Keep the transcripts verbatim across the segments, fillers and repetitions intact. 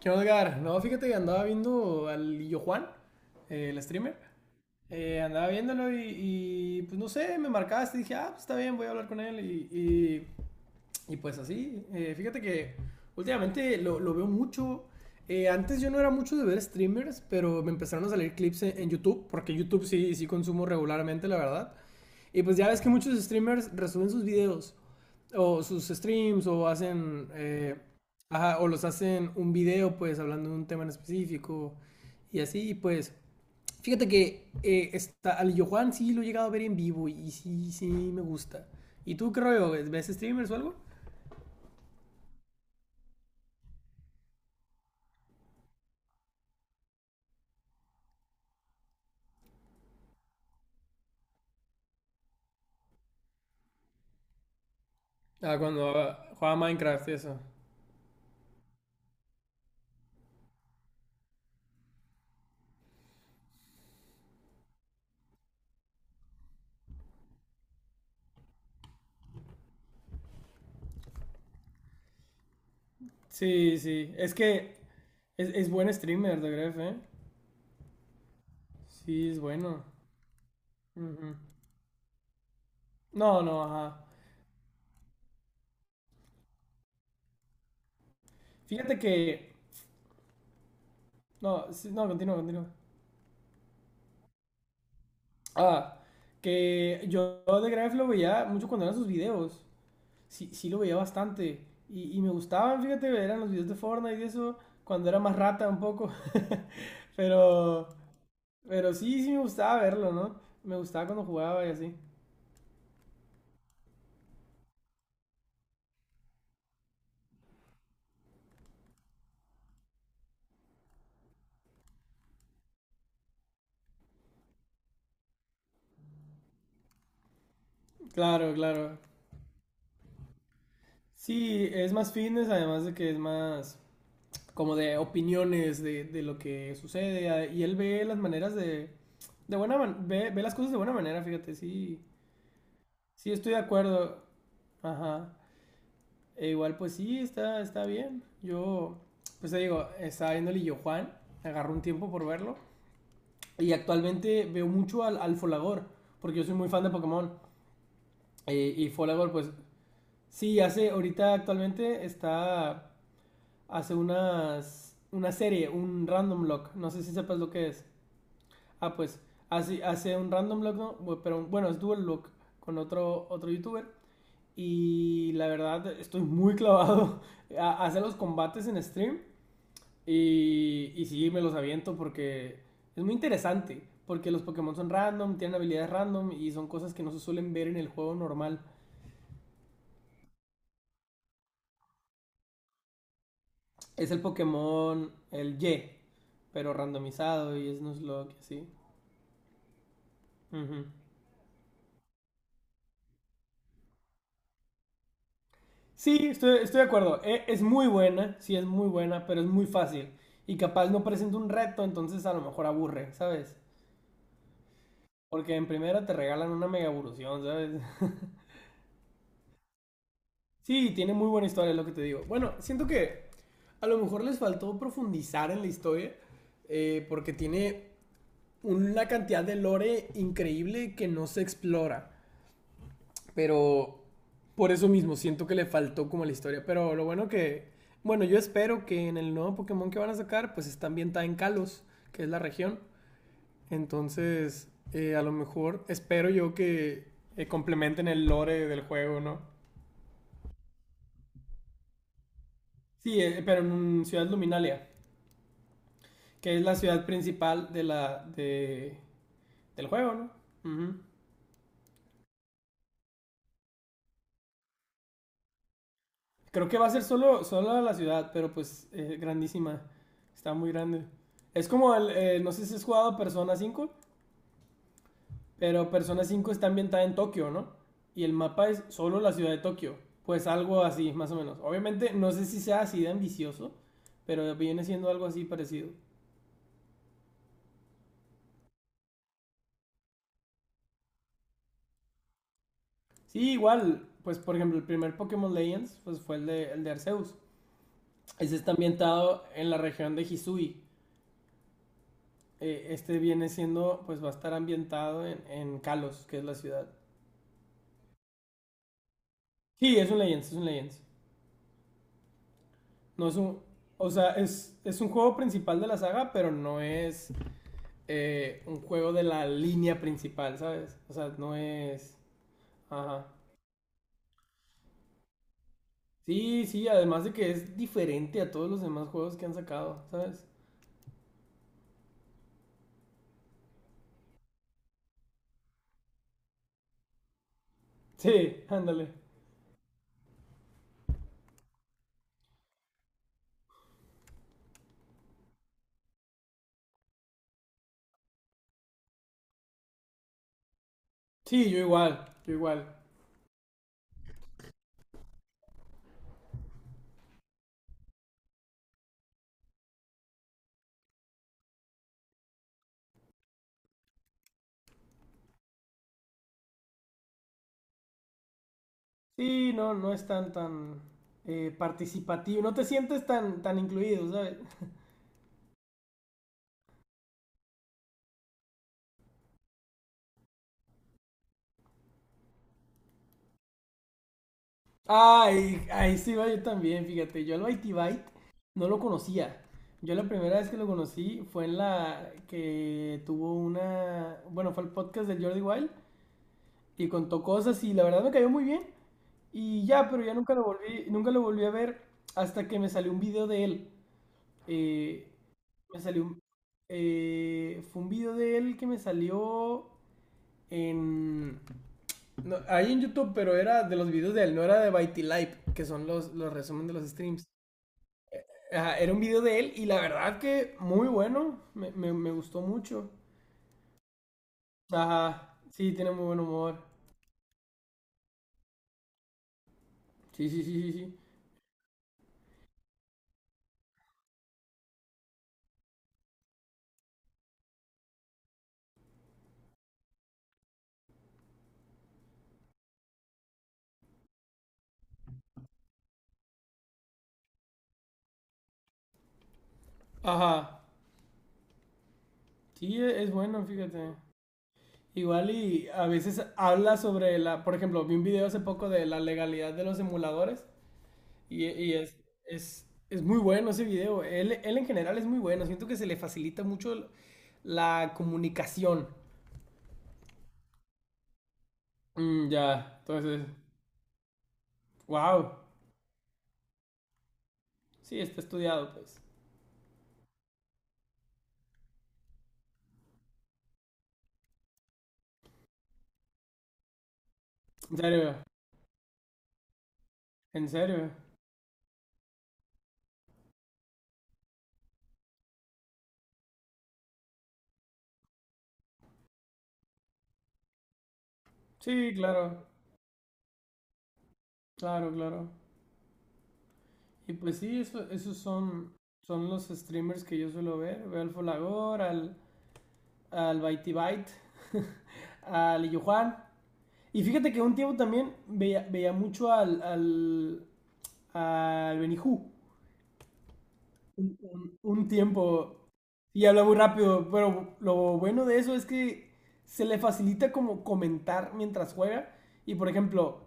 ¿Qué onda, Edgar? No, fíjate que andaba viendo al Lillo Juan, eh, el streamer. Eh, andaba viéndolo y, y, pues no sé, me marcaste y dije, ah, pues está bien, voy a hablar con él. y y pues así, eh, fíjate que últimamente lo, lo veo mucho. Eh, antes yo no era mucho de ver streamers, pero me empezaron a salir clips en, en YouTube, porque YouTube sí, sí consumo regularmente, la verdad. Y pues ya ves que muchos streamers resuben sus videos, o sus streams, o hacen, eh, ajá, o los hacen un video, pues hablando de un tema en específico, y así, y pues. Fíjate que eh, está, al Yohan sí lo he llegado a ver en vivo y sí, sí me gusta. ¿Y tú qué rollo? ¿Ves streamers o algo? Ah, cuando ah, jugaba Minecraft, eso. Sí, sí. Es que es, es buen streamer de Gref, ¿eh? Sí, es bueno. Ujú. No, no, ajá. Fíjate que. No, sí, no, continúa, continúa. Ah, que yo de Gref lo veía mucho cuando eran sus videos. Sí, sí lo veía bastante. Y, y me gustaban, fíjate, eran los videos de Fortnite y eso, cuando era más rata un poco. Pero, pero sí, sí me gustaba verlo, ¿no? Me gustaba cuando jugaba y así. Claro, claro. Sí, es más fitness, además de que es más como de opiniones de, de lo que sucede. a- Y él ve las maneras de. De buena man- ve, ve las cosas de buena manera, fíjate, sí. Sí, estoy de acuerdo. Ajá. E igual, pues sí, está, está bien. Yo, pues te digo, estaba viendo el Illo Juan, agarró un tiempo por verlo. Y actualmente veo mucho al, al Folagor, porque yo soy muy fan de Pokémon. Eh, y Folagor, pues sí, hace, ahorita actualmente está hace unas, una serie, un random lock. No sé si sepas lo que es. Ah, pues hace, hace un random lock, ¿no? Pero bueno, es dual lock con otro, otro youtuber. Y la verdad, estoy muy clavado. Hace los combates en stream. Y, y sí, me los aviento porque es muy interesante. Porque los Pokémon son random, tienen habilidades random y son cosas que no se suelen ver en el juego normal. Es el Pokémon, el Y, pero randomizado y es Nuzlocke y así. Ujú. Sí, estoy, estoy de acuerdo. E- Es muy buena, sí es muy buena, pero es muy fácil. Y capaz no presenta un reto, entonces a lo mejor aburre, ¿sabes? Porque en primera te regalan una mega evolución, ¿sabes? Sí, tiene muy buena historia, es lo que te digo. Bueno, siento que a lo mejor les faltó profundizar en la historia, eh, porque tiene una cantidad de lore increíble que no se explora. Pero por eso mismo siento que le faltó como la historia. Pero lo bueno que, bueno, yo espero que en el nuevo Pokémon que van a sacar, pues está ambientada en Kalos, que es la región. Entonces, eh, a lo mejor espero yo que eh, complementen el lore del juego, ¿no? Sí, eh, pero en Ciudad Luminalia, que es la ciudad principal de la, de, del juego, ¿no? Ujú. Creo que va a ser solo, solo la ciudad, pero pues eh, grandísima. Está muy grande. Es como el, eh, no sé si has jugado Persona cinco, pero Persona cinco está ambientada en Tokio, ¿no? Y el mapa es solo la ciudad de Tokio. Pues algo así, más o menos. Obviamente, no sé si sea así de ambicioso, pero viene siendo algo así parecido. Sí, igual, pues por ejemplo, el primer Pokémon Legends pues, fue el de, el de Arceus. Ese está ambientado en la región de Hisui. Eh, este viene siendo, pues va a estar ambientado en, en Kalos, que es la ciudad. Sí, es un Legends, es un Legends. No es un. O sea, es, es un juego principal de la saga, pero no es eh, un juego de la línea principal, ¿sabes? O sea, no es. Ajá. Sí, sí, además de que es diferente a todos los demás juegos que han sacado, ¿sabes? Sí, ándale. Sí, yo igual, yo igual. Sí, no, no es tan, tan eh, participativo, no te sientes tan, tan incluido, ¿sabes? Ay, ahí sí va yo también, fíjate. Yo al Bitey Byte no lo conocía. Yo la primera vez que lo conocí fue en la que tuvo una. Bueno, fue el podcast del Jordi Wild y contó cosas y la verdad me cayó muy bien. Y ya, pero ya nunca lo volví, nunca lo volví a ver hasta que me salió un video de él. Eh, me salió un- eh, fue un video de él que me salió en. No, ahí en YouTube, pero era de los videos de él, no era de Bitey Live, que son los, los resúmenes de los streams. Ajá, era un video de él y la verdad que muy bueno, me, me, me gustó mucho. Ajá, sí, tiene muy buen humor. Sí, sí, sí, sí, sí. Ajá, sí, es, es bueno, fíjate. Igual y a veces habla sobre la, por ejemplo, vi un video hace poco de la legalidad de los emuladores y, y es, es, es muy bueno ese video. Él, él en general es muy bueno, siento que se le facilita mucho la comunicación. Mm, ya, entonces, wow. Sí, está estudiado, pues. En serio, en serio. Sí, claro, claro, claro. Y pues sí, eso, esos son, son los streamers que yo suelo ver. Veo al Folagor, al, al Bytey Byte, al Illujuan. Y fíjate que un tiempo también veía, veía mucho al, al, al Benihú. Un tiempo y habla muy rápido, pero lo bueno de eso es que se le facilita como comentar mientras juega. Y por ejemplo,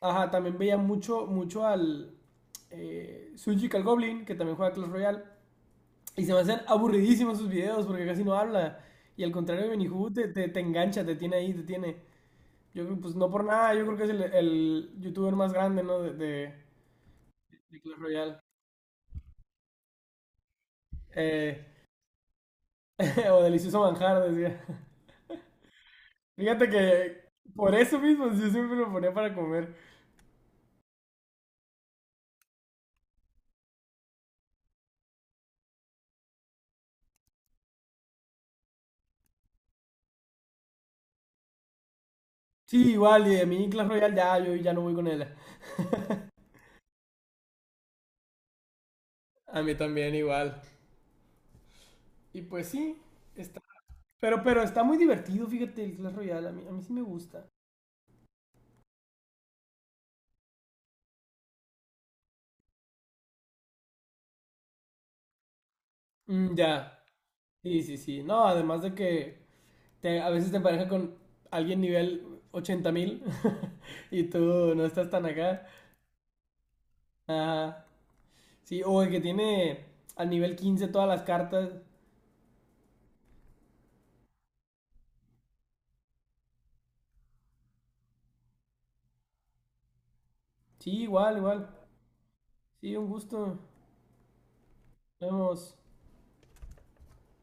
ajá, también veía mucho, mucho al eh, Sujical Goblin, que también juega Clash Royale. Y se me hacen aburridísimos sus videos porque casi no habla. Y al contrario de Benihu, te, te, te engancha, te tiene ahí, te tiene. Yo creo, pues no por nada, yo creo que es el, el youtuber más grande, ¿no? De, de, de Clash Royale. Eh, o delicioso manjar, decía. Fíjate que por eso mismo yo siempre lo ponía para comer. Sí, igual, y de mí Clash Royale ya, yo ya no voy con él. A mí también igual. Y pues sí, está. Pero, pero está muy divertido, fíjate, el Clash Royale. A mí, a mí sí me gusta. Mm, ya. Sí, sí, sí. No, además de que te- a veces te empareja con alguien nivel ochenta mil y tú no estás tan acá. Ajá. Sí, o el que tiene al nivel quince todas las cartas. Sí, igual, igual. Sí, un gusto. Nos vemos.